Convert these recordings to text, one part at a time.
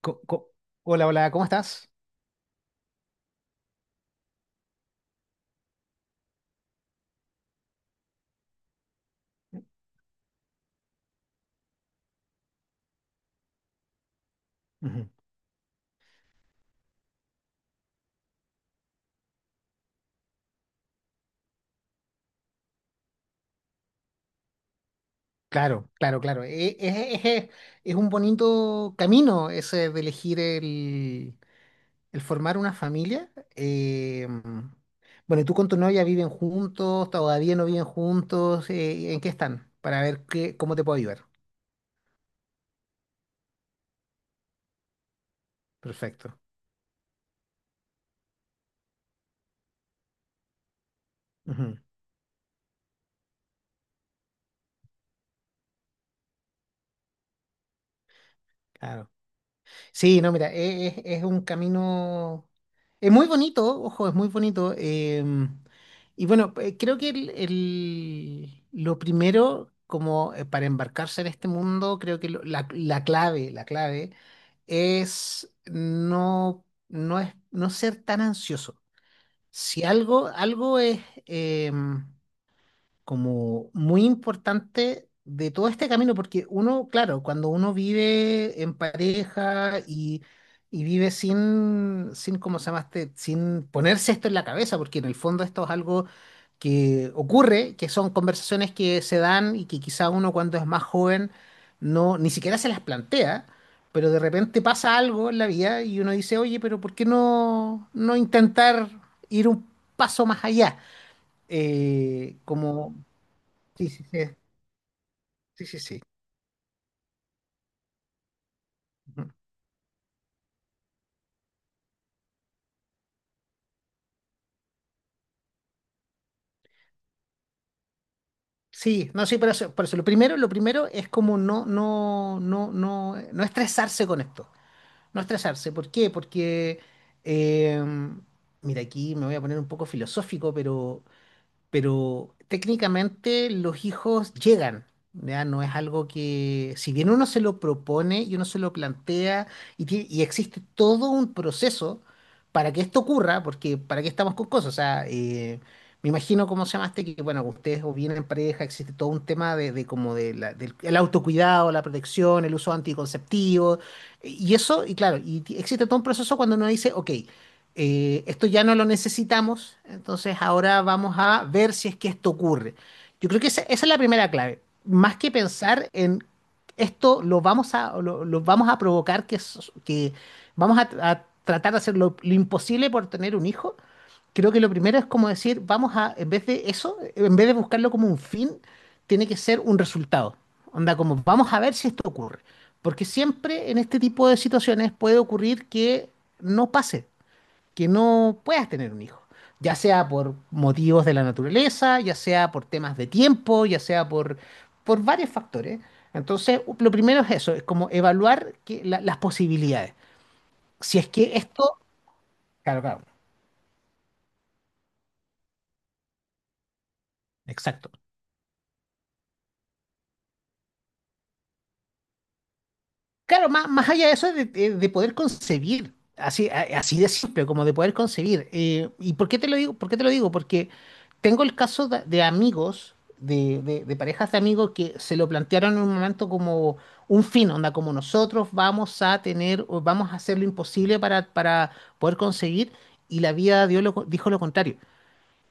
Co- co- Hola, hola, ¿cómo estás? Ujú. Claro, claro, claro. Es, es- es un bonito camino, ese de elegir el formar una familia. Eh, bueno, ¿y tú con tu novia viven juntos? ¿Todavía no viven juntos? ¿En qué están? Para ver qué, cómo te puedo ayudar. Perfecto. Ujú. Claro. Sí, no, mira, es un camino, es muy bonito, ojo, es muy bonito. Y bueno, creo que lo primero, como para embarcarse en este mundo, creo que la, la clave es no, no, es no ser tan ansioso. Si algo, algo es, em, como muy importante de todo este camino, porque uno, claro, cuando uno vive en pareja y vive sin, ¿cómo se llama este? Sin ponerse esto en la cabeza, porque en el fondo esto es algo que ocurre, que son conversaciones que se dan y que quizá uno cuando es más joven no, ni siquiera se las plantea. Pero de repente pasa algo en la vida y uno dice, oye, pero ¿por qué no, no intentar ir un paso más allá? Como Sí, sí, sí, sí, sí, sí. Ujú. Sí, no, sí, por eso, por eso. Lo primero es como no, no, no, no, no estresarse con esto. No estresarse. ¿Por qué? Porque, eh, mira, aquí me voy a poner un poco filosófico, pero técnicamente los hijos llegan, ¿ya? No es algo que, si bien uno se lo propone y uno se lo plantea y, y existe todo un proceso para que esto ocurra, porque para qué estamos con cosas, o sea, me imagino cómo se llamaste, que bueno, ustedes o vienen en pareja, existe todo un tema de como de del el autocuidado, la protección, el uso anticonceptivo, y eso, y claro, existe todo un proceso cuando uno dice, ok, esto ya no lo necesitamos, entonces ahora vamos a ver si es que esto ocurre. Yo creo que esa es la primera clave. Más que pensar en esto, lo vamos a, lo vamos a provocar, que vamos a tratar de hacer lo imposible por tener un hijo. Creo que lo primero es como decir, vamos a, en vez de eso, en vez de buscarlo como un fin, tiene que ser un resultado. Onda, como vamos a ver si esto ocurre. Porque siempre en este tipo de situaciones puede ocurrir que no pase, que no puedas tener un hijo, ya sea por motivos de la naturaleza, ya sea por temas de tiempo, ya sea por varios factores. Entonces, lo primero es eso, es como evaluar las posibilidades. Si es que esto... Claro, claro, exacto. Claro, más, más allá de eso, de, de poder concebir, así, así de simple, como de poder concebir. ¿Y por qué te lo digo? ¿Por qué te lo digo? Porque tengo el caso de amigos, de, de parejas de amigos que se lo plantearon en un momento como un fin, onda, como nosotros vamos a tener, o vamos a hacer lo imposible para poder conseguir, y la vida dijo lo contrario.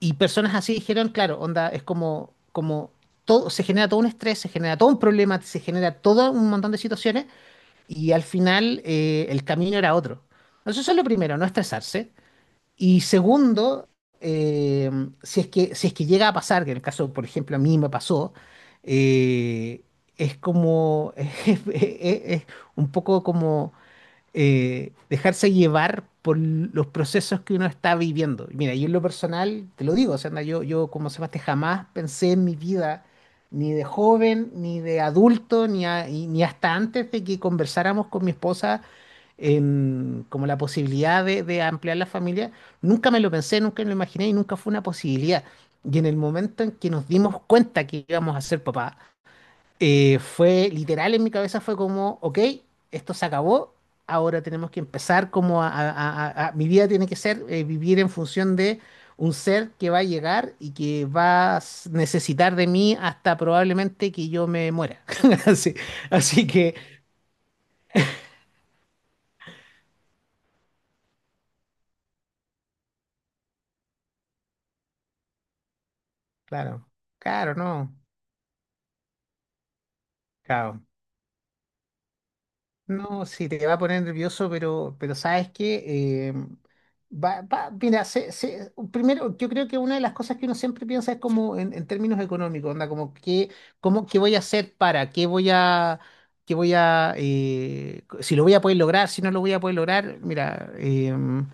Y personas así dijeron, claro, onda, es como, como todo, se genera todo un estrés, se genera todo un problema, se genera todo un montón de situaciones y al final el camino era otro. Entonces, eso es lo primero, no estresarse. Y segundo, eh, si es que, si es que llega a pasar, que en el caso, por ejemplo, a mí me pasó, eh, es como, es, es un poco como dejarse llevar por los procesos que uno está viviendo. Y mira, yo en lo personal, te lo digo, o sea, anda, yo como Sebastián jamás pensé en mi vida, ni de joven, ni de adulto, ni, a- y- ni hasta antes de que conversáramos con mi esposa en como la posibilidad de ampliar la familia, nunca me lo pensé, nunca me lo imaginé y nunca fue una posibilidad. Y en el momento en que nos dimos cuenta que íbamos a ser papás, fue literal, en mi cabeza fue como, ok, esto se acabó, ahora tenemos que empezar como a, mi vida tiene que ser vivir en función de un ser que va a llegar y que necesitar de mí hasta probablemente que yo me muera. Así, así que, claro, claro, no, claro. No, sí, te va a poner nervioso, pero sabes que va, mira, primero yo creo que una de las cosas que uno siempre piensa es como en términos económicos, onda, como qué, cómo, qué voy a hacer para, qué voy a, si lo voy a poder lograr, si no lo voy a poder lograr, mira,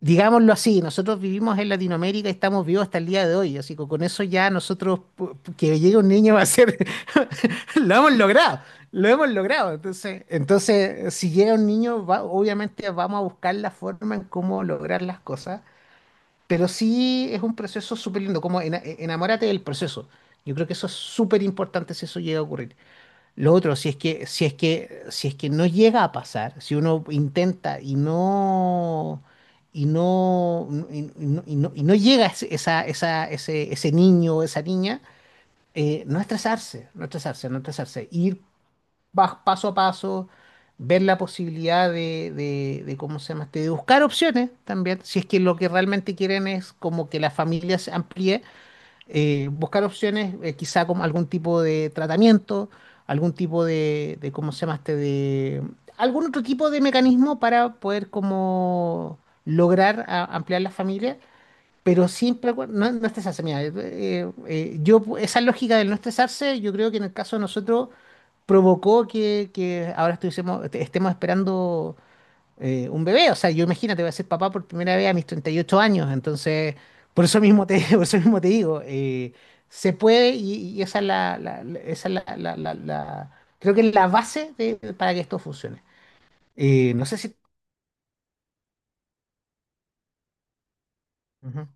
digámoslo así, nosotros vivimos en Latinoamérica y estamos vivos hasta el día de hoy, así que con eso ya nosotros, que llegue un niño va a ser, lo hemos logrado, lo hemos logrado. Entonces, entonces si llega un niño, obviamente vamos a buscar la forma en cómo lograr las cosas, pero sí es un proceso súper lindo, como enamórate del proceso. Yo creo que eso es súper importante si eso llega a ocurrir. Lo otro, si es que, si es que, si es que no llega a pasar, si uno intenta y no, y no, y no, y no llega esa, esa, ese niño o esa niña, no estresarse, no estresarse, no estresarse, ir paso a paso, ver la posibilidad de ¿cómo se llama este? De buscar opciones también, si es que lo que realmente quieren es como que la familia se amplíe, buscar opciones, quizá como algún tipo de tratamiento, algún tipo de, ¿cómo se llama este? De, algún otro tipo de mecanismo para poder como lograr ampliar la familia, pero siempre, no, no estresarse, mira, yo, esa lógica del no estresarse, yo creo que en el caso de nosotros provocó que ahora estuviésemos, estemos esperando un bebé. O sea, yo imagínate, voy a ser papá por primera vez a mis 38 años. Entonces, por eso mismo te, por eso mismo te digo, se puede y esa es la, esa es la, creo que es la base para que esto funcione. No sé si... Ujú,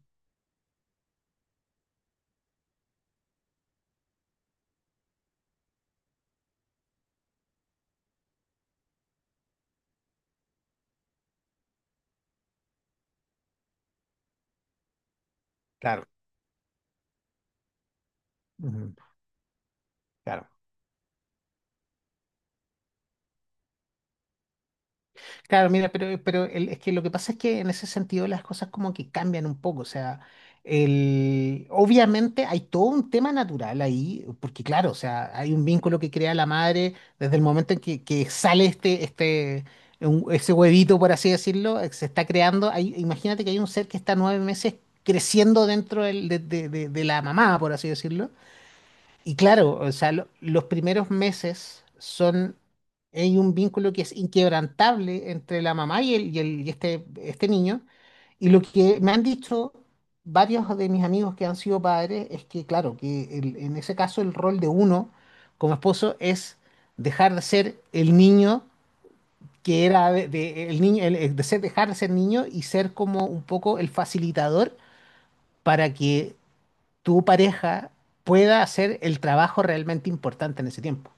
claro, ujú, claro. Claro, mira, pero es que lo que pasa es que en ese sentido las cosas como que cambian un poco, o sea, el, obviamente hay todo un tema natural ahí, porque claro, o sea, hay un vínculo que crea la madre desde el momento en que sale este, este, ese huevito, por así decirlo, se está creando, imagínate que hay un ser que está 9 meses creciendo dentro de, de la mamá, por así decirlo. Y claro, o sea, los primeros meses son, hay un vínculo que es inquebrantable entre la mamá y, el, y, y este niño. Y lo que me han dicho varios de mis amigos que han sido padres es que, claro, que en ese caso el rol de uno como esposo es dejar de ser el niño que era de, el niño, de ser, dejar de ser niño y ser como un poco el facilitador para que tu pareja pueda hacer el trabajo realmente importante en ese tiempo.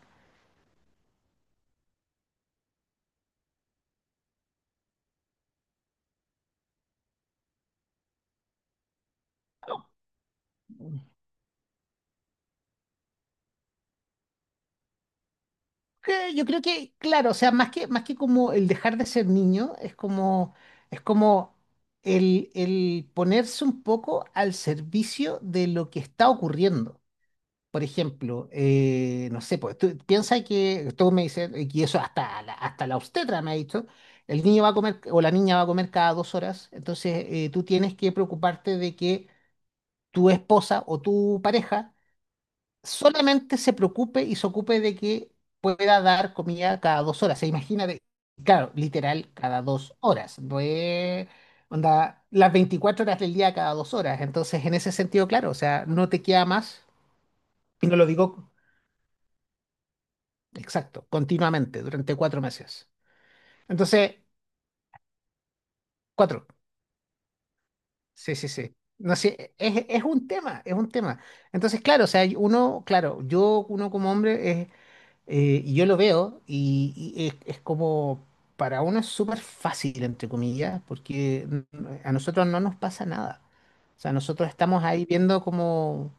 Que yo creo que, claro, o sea, más que como el dejar de ser niño, es como el ponerse un poco al servicio de lo que está ocurriendo. Por ejemplo, no sé, pues tú piensa que, tú me dices, y eso hasta la obstetra me ha dicho, el niño va a comer o la niña va a comer cada 2 horas, entonces tú tienes que preocuparte de que tu esposa o tu pareja solamente se preocupe y se ocupe de que pueda dar comida cada 2 horas. Se imagina de, claro, literal, cada 2 horas. No es, onda, las 24 horas del día cada 2 horas. Entonces, en ese sentido, claro, o sea, no te queda más, y no lo digo, exacto, continuamente, durante 4 meses. Entonces, cuatro. Sí, sí, sí. No sé, es un tema, es un tema. Entonces, claro, o sea, uno, claro, yo, uno como hombre, es y yo lo veo y es como, para uno es súper fácil, entre comillas, porque a nosotros no nos pasa nada. O sea, nosotros estamos ahí viendo cómo,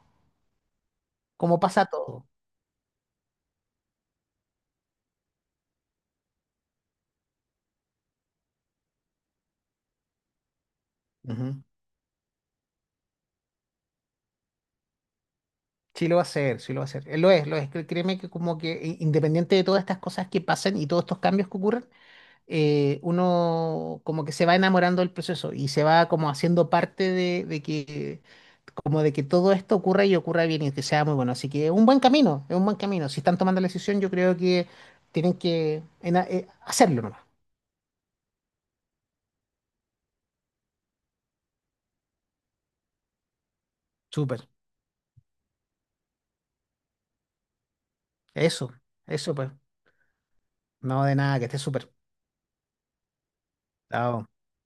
cómo pasa todo. Ujú. Sí lo va a hacer, sí lo va a hacer. Lo es, lo es. Créeme que como que independiente de todas estas cosas que pasen y todos estos cambios que ocurren, uno como que se va enamorando del proceso y se va como haciendo parte de que como de que todo esto ocurra y ocurra bien y que sea muy bueno. Así que es un buen camino, es un buen camino. Si están tomando la decisión, yo creo que tienen que hacerlo nomás. Súper. Eso, eso pues. No, de nada, que esté súper. Chao.